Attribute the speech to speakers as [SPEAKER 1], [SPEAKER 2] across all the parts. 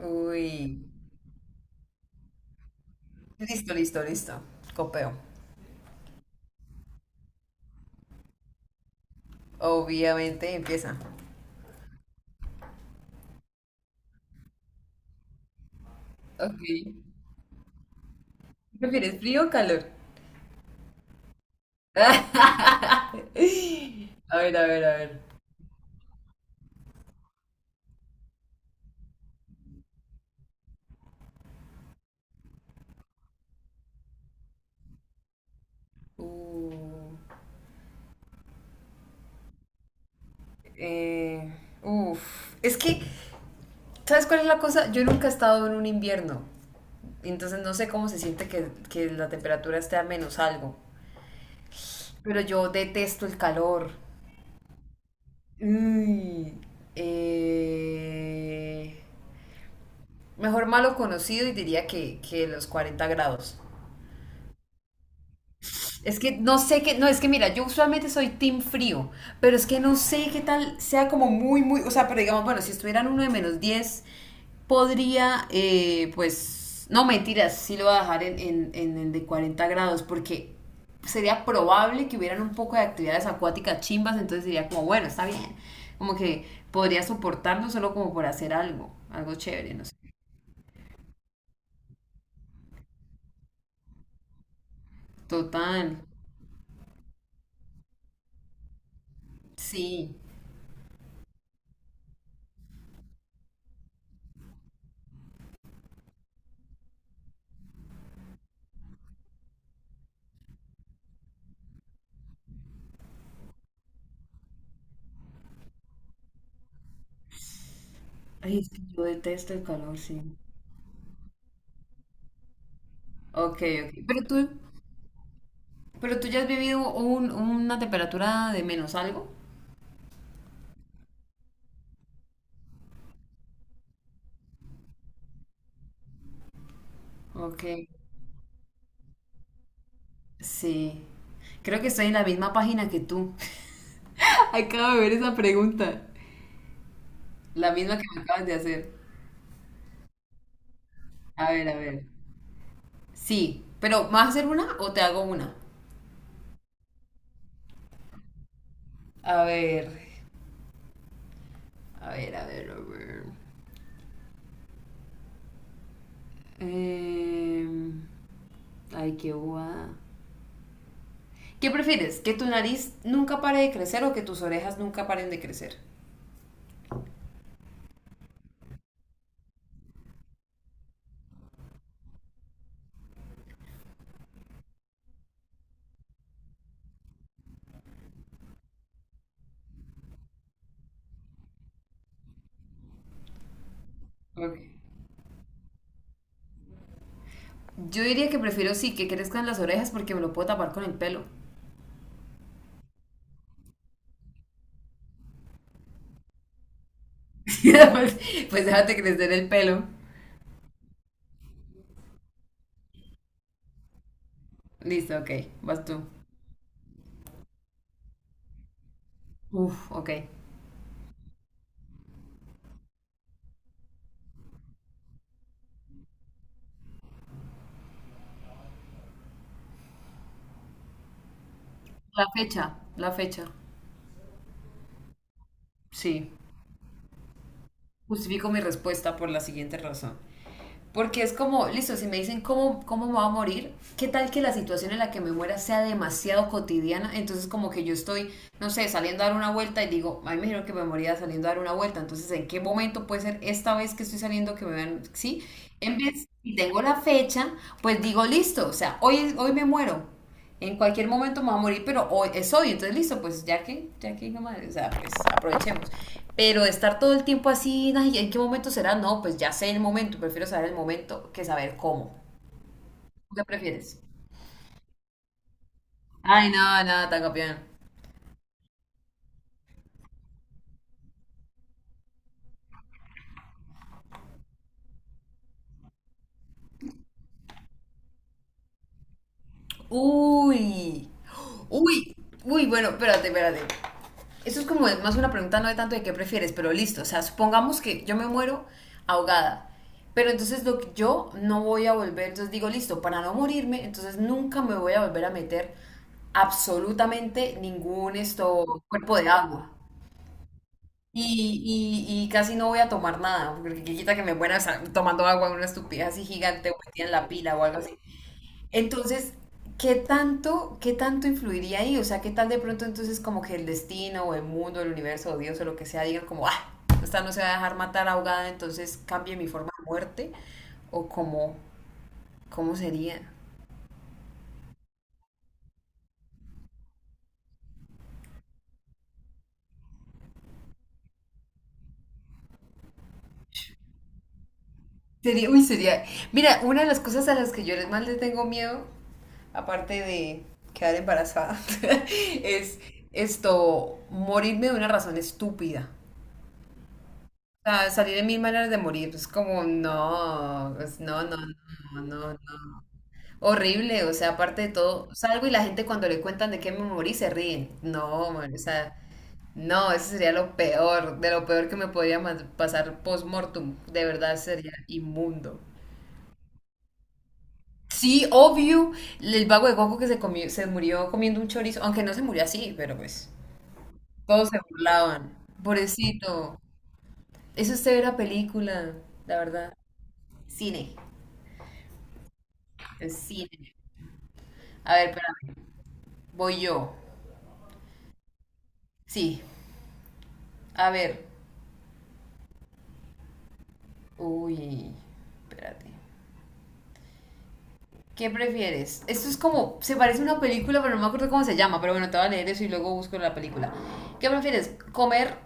[SPEAKER 1] Uy. Listo, listo, listo. Copeo. Obviamente empieza. Ok. ¿Qué ¿Prefieres frío o calor? A ver, a ver, a ver. Uh, eh, uf. Es que, ¿sabes cuál es la cosa? Yo nunca he estado en un invierno. Entonces no sé cómo se siente que la temperatura esté a menos algo. Pero yo detesto el calor. Uy. Eh, Mejor malo conocido y diría que los 40 grados. Es que no sé qué, no, es que mira, yo usualmente soy team frío, pero es que no sé qué tal sea como o sea, pero digamos, bueno, si estuvieran uno de menos 10 podría, pues, no mentiras, sí lo voy a dejar en el de 40 grados, porque sería probable que hubieran un poco de actividades acuáticas chimbas, entonces diría como, bueno, está bien, como que podría soportarlo solo como por hacer algo, algo chévere, no sé. Total, sí. Ay, es que yo detesto el calor, sí. Ok, ok. Pero tú ya has vivido una temperatura de menos algo. Ok. Sí. Creo que estoy en la misma página que tú. Acabo de ver esa pregunta. La misma que me acabas de hacer. A ver, a ver. Sí, pero ¿me vas a hacer una o te hago una? A ver, a ver, a ver, a ver. Em, ay, qué guada. ¿Qué prefieres? ¿Que tu nariz nunca pare de crecer o que tus orejas nunca paren de crecer? Ok. Yo diría que prefiero sí que crezcan las orejas porque me lo puedo tapar con el pelo. Pues, pues déjate crecer el pelo. Listo, ok, vas tú. Uf, ok. La fecha, la fecha. Sí. Justifico mi respuesta por la siguiente razón. Porque es como, listo, si me dicen cómo me voy a morir, ¿qué tal que la situación en la que me muera sea demasiado cotidiana? Entonces como que yo estoy, no sé, saliendo a dar una vuelta y digo, ay, me dijeron que me moría saliendo a dar una vuelta. Entonces, ¿en qué momento puede ser esta vez que estoy saliendo que me vean? Sí, en vez, si tengo la fecha, pues digo, listo, o sea, hoy me muero en cualquier momento me va a morir, pero hoy es hoy, entonces listo, pues ya que hijo de o sea, pues aprovechemos. Pero estar todo el tiempo así, "Ay, ¿en qué momento será? No, pues ya sé el momento, prefiero saber el momento que saber cómo. ¿Tú ¿Qué prefieres? Ay, no, no, tan campeón. Uy, uy, uy, bueno, espérate, espérate. Eso es como más una pregunta no de tanto de qué prefieres, pero listo. O sea, supongamos que yo me muero ahogada. Pero entonces lo que yo no voy a volver, entonces digo, listo, para no morirme, entonces nunca me voy a volver a meter absolutamente ningún esto, cuerpo de agua. Y casi no voy a tomar nada, porque qué quita que me muera tomando agua una estupidez así gigante o metida en la pila o algo así. Entonces, ¿qué tanto influiría ahí? O sea, ¿qué tal de pronto entonces como que el destino o el mundo, el universo o Dios o lo que sea digan como, ah, esta no se va a dejar matar ahogada, entonces cambie mi forma de muerte? ¿O cómo, ¿cómo sería? Sería. Mira, una de las cosas a las que yo más le tengo miedo, aparte de quedar embarazada, es esto, morirme de una razón estúpida. Sea, salir en mil maneras de morir, es como, no, pues, no, no, no, no, no. Horrible, o sea, aparte de todo, salgo y la gente cuando le cuentan de qué me morí se ríen. No, man, o sea, no, eso sería lo peor, de lo peor que me podría pasar post-mortem. De verdad sería inmundo. Sí, obvio, el vago de Goku que se murió comiendo un chorizo, aunque no se murió así, pero pues, todos se burlaban. Pobrecito, eso es usted ver la película, la verdad. Cine, es cine. A ver, espérame. Voy yo. Sí. A ver. Uy. Espérate. ¿Qué prefieres? Esto es como. Se parece a una película, pero no me acuerdo cómo se llama. Pero bueno, te voy a leer eso y luego busco la película. ¿Qué prefieres? ¿Comer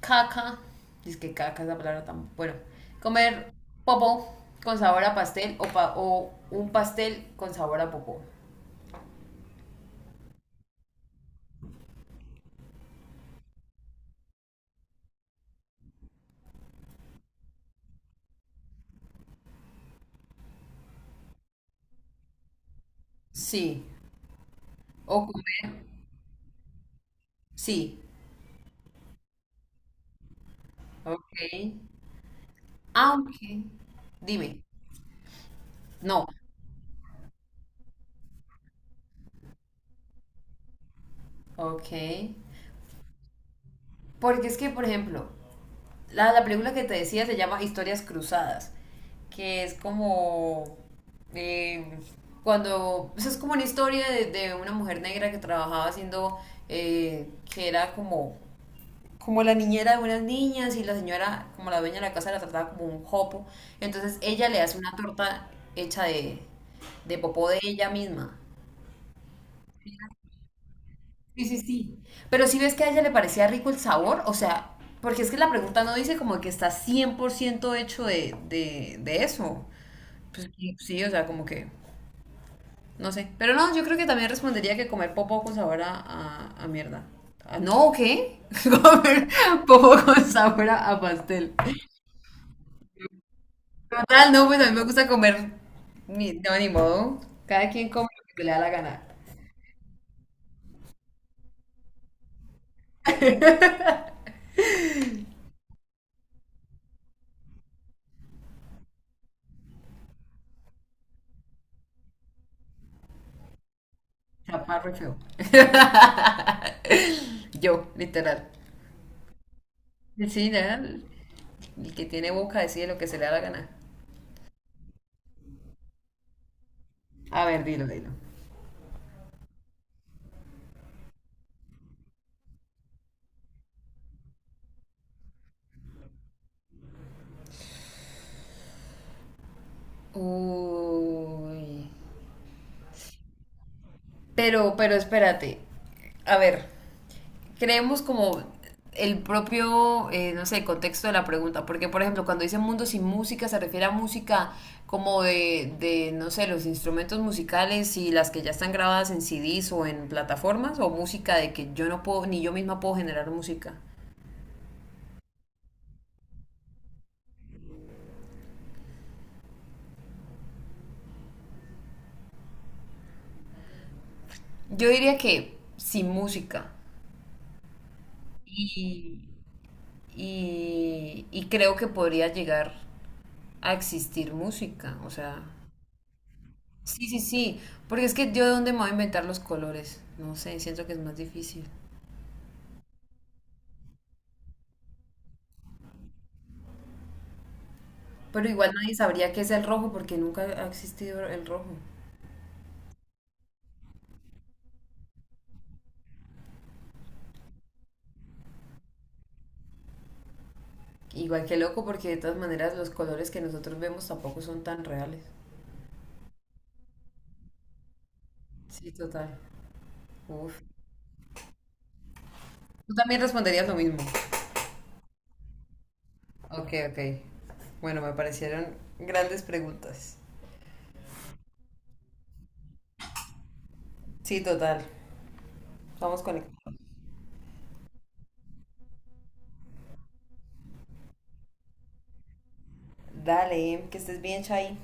[SPEAKER 1] caca? Dice que caca es la palabra tan. Bueno. ¿Comer popó con sabor a pastel o un pastel con sabor a popó? Sí. ¿O comer? Sí. Ok. Ah, ok. Dime. No. Ok. Porque es que, por ejemplo, la película que te decía se llama Historias Cruzadas, que es como... eh, cuando... o sea, es como una historia de una mujer negra que trabajaba haciendo... que era como... como la niñera de unas niñas y la señora, como la dueña de la casa, la trataba como un jopo. Entonces ella le hace una torta hecha de popó de ella misma. Sí, sí, sí. Pero si ves que a ella le parecía rico el sabor, o sea, porque es que la pregunta no dice como que está 100% hecho de eso. Pues sí, o sea, como que, no sé. Pero no, yo creo que también respondería que comer popó con sabor a mierda. Ah, no, ¿qué? Comer popó con sabor a pastel. Total, no, pues a mí me gusta comer, no, ni modo. Cada quien come lo que le da la gana. Chaparro y feo. Yo, literal. Sí, ya, el que tiene boca decide lo que se le da la gana. A ver, dilo, dilo. Uy. Pero espérate. A ver, creemos como el propio, no sé, contexto de la pregunta. Porque, por ejemplo, cuando dice mundo sin música, se refiere a música como no sé, los instrumentos musicales y las que ya están grabadas en CDs o en plataformas, o música de que yo no puedo, ni yo misma puedo generar música. Yo diría que sin música. Y creo que podría llegar a existir música, o sea, sí, sí, sí, porque es que yo de dónde me voy a inventar los colores, no sé, siento que es más difícil. Pero igual nadie sabría qué es el rojo porque nunca ha existido el rojo. Igual que loco porque de todas maneras los colores que nosotros vemos tampoco son tan reales. Sí, total. Uf. Tú también responderías lo mismo. Ok, ok. Bueno, me parecieron grandes preguntas. Sí, total. Vamos con... Dale, que estés bien, Chay.